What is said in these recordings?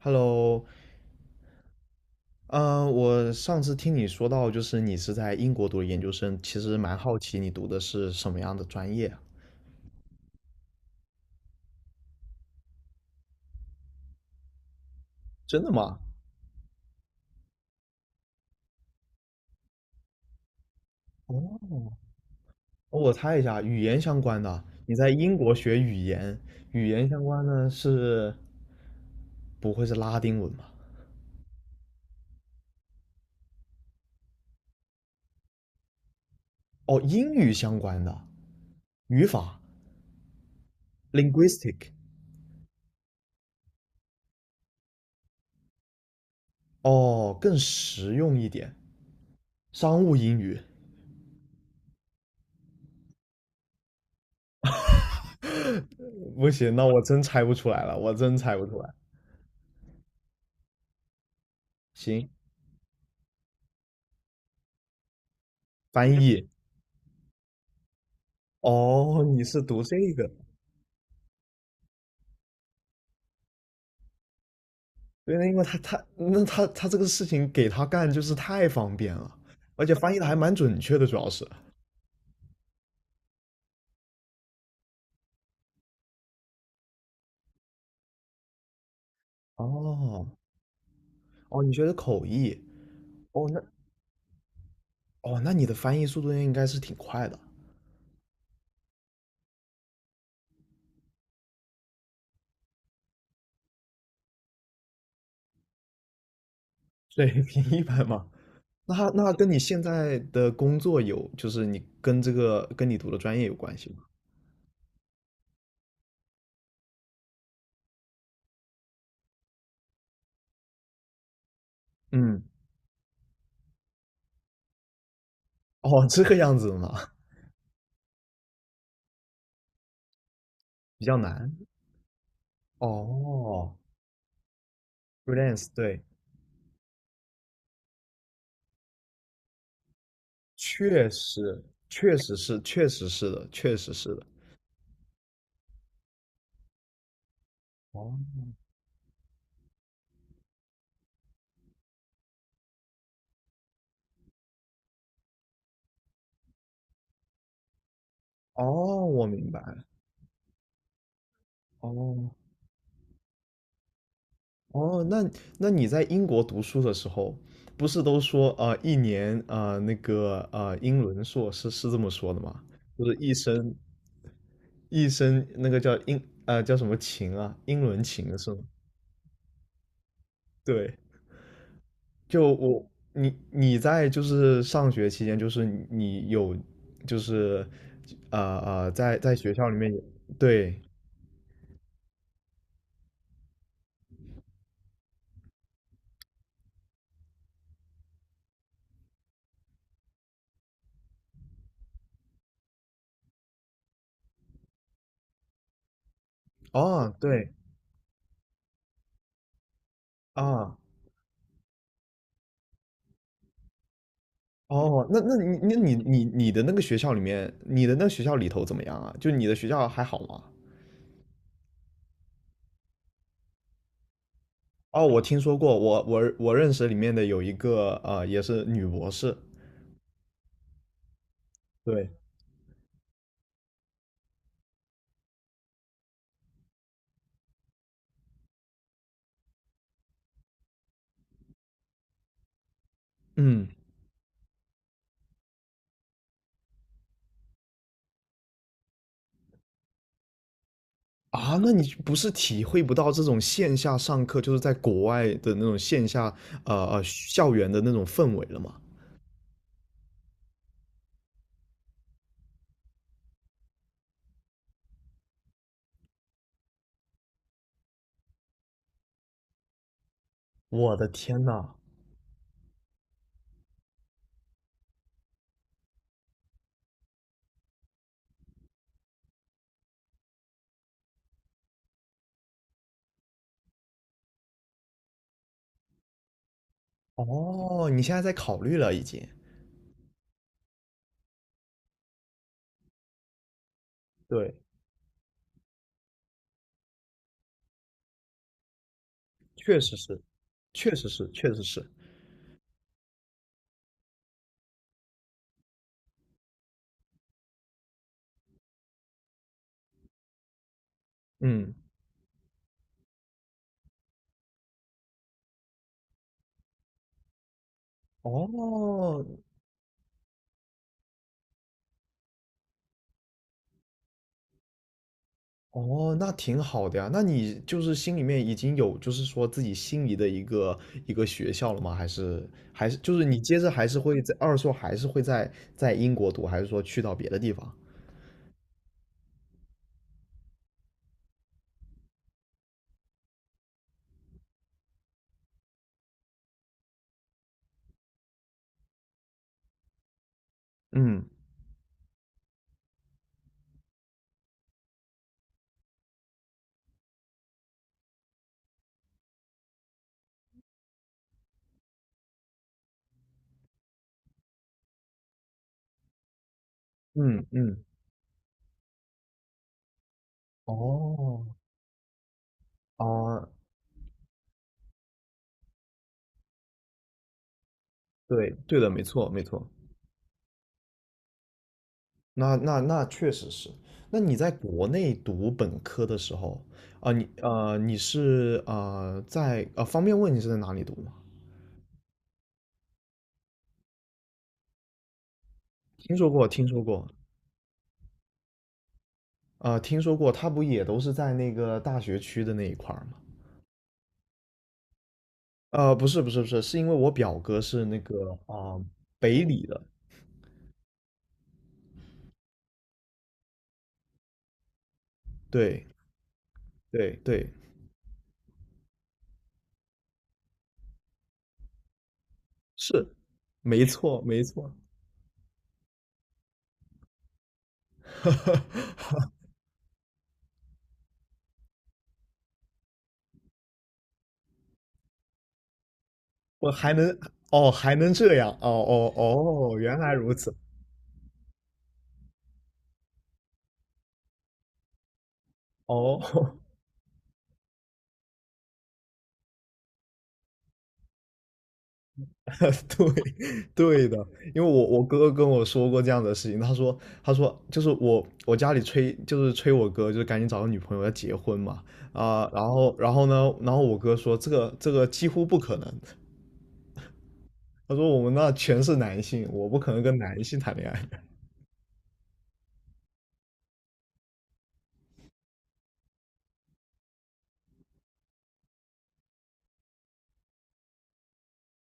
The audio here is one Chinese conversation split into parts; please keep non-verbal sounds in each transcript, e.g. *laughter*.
Hello，我上次听你说到，就是你是在英国读的研究生，其实蛮好奇你读的是什么样的专业啊。真的吗？哦，我猜一下，语言相关的。你在英国学语言，语言相关的是不会是拉丁文吧？哦，英语相关的语法（ （linguistic），哦，更实用一点，商务英语。不行，那我真猜不出来了，我真猜不出来。行，翻译。哦，你是读这个？对，那因为他那他这个事情给他干就是太方便了，而且翻译的还蛮准确的，主要是。哦哦，你学的口译？哦，那哦，那你的翻译速度应该是挺快的，水平一般嘛。那跟你现在的工作有，就是你跟这个跟你读的专业有关系吗？嗯，哦，这个样子的嘛，比较难。哦，freelance，对，确实，确实是，确实是的，确实是的。哦哦，我明白了。哦哦，那那你在英国读书的时候，不是都说啊，一年啊，那个啊，英伦硕士是这么说的吗？就是一生一生那个叫英啊叫什么情啊，英伦情是吗？对，就我你你在就是上学期间，就是你你有就是啊啊，在在学校里面有对哦对。啊，哦，那那你那你你你的那个学校里面，你的那个学校里头怎么样啊？就你的学校还好吗？哦，我听说过，我认识里面的有一个也是女博士。对，嗯，啊，那你不是体会不到这种线下上课，就是在国外的那种线下校园的那种氛围了吗？我的天呐！哦，你现在在考虑了已经。对，确实是，确实是，确实是。嗯，哦，哦，那挺好的呀。那你就是心里面已经有，就是说自己心仪的一个学校了吗？还是就是你接着还是会在二硕还是会在英国读，还是说去到别的地方？嗯嗯嗯，哦啊，对对的，没错没错。那确实是。那你在国内读本科的时候，啊、你是呃在呃方便问你是在哪里读吗？听说过听说过听说过，他不也都是在那个大学区的那一块儿吗？不是不是不是，是因为我表哥是那个啊、北理的，对对对，是，没错没错，*laughs* 我还能哦还能这样哦哦哦，原来如此哦。 *laughs* 对，对的，因为我哥哥跟我说过这样的事情，他说就是我家里催就是催我哥就是赶紧找个女朋友要结婚嘛。啊、然后呢，然后我哥说这个几乎不可能，他说我们那全是男性，我不可能跟男性谈恋爱。*laughs*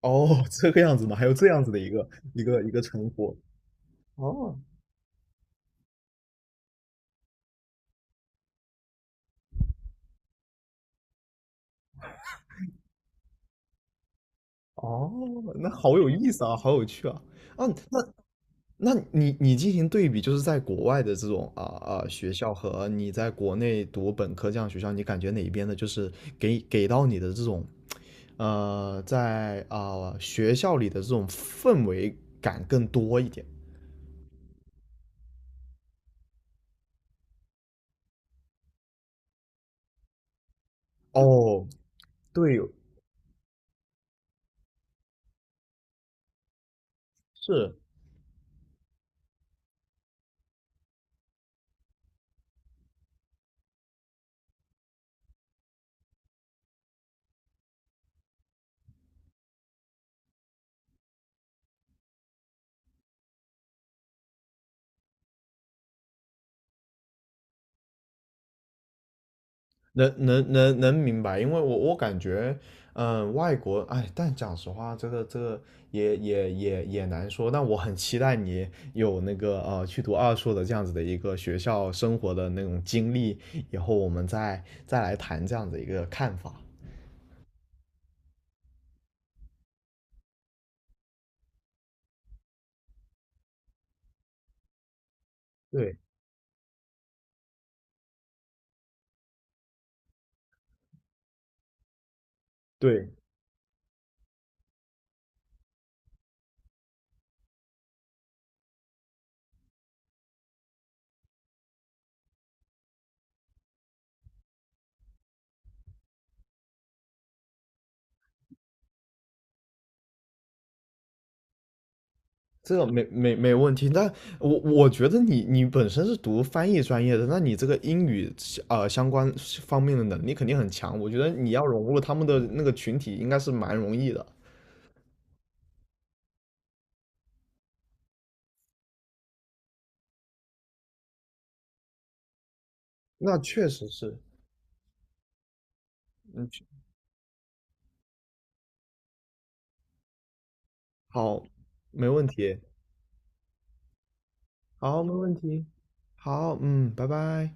哦，这个样子吗？还有这样子的一个称呼。哦哦，那好有意思啊，好有趣啊！啊，那你进行对比，就是在国外的这种学校和你在国内读本科这样的学校，你感觉哪一边的，就是给到你的这种在啊、学校里的这种氛围感更多一点？哦，对，是，能明白，因为我感觉，嗯，外国，哎，但讲实话，这个也难说。但我很期待你有那个去读二硕的这样子的一个学校生活的那种经历，以后我们再来谈这样的一个看法。对对，这个没问题。但我觉得你本身是读翻译专业的，那你这个英语相关方面的能力肯定很强。我觉得你要融入他们的那个群体，应该是蛮容易的。那确实是，嗯，好，没问题，好，没问题，好，嗯，拜拜。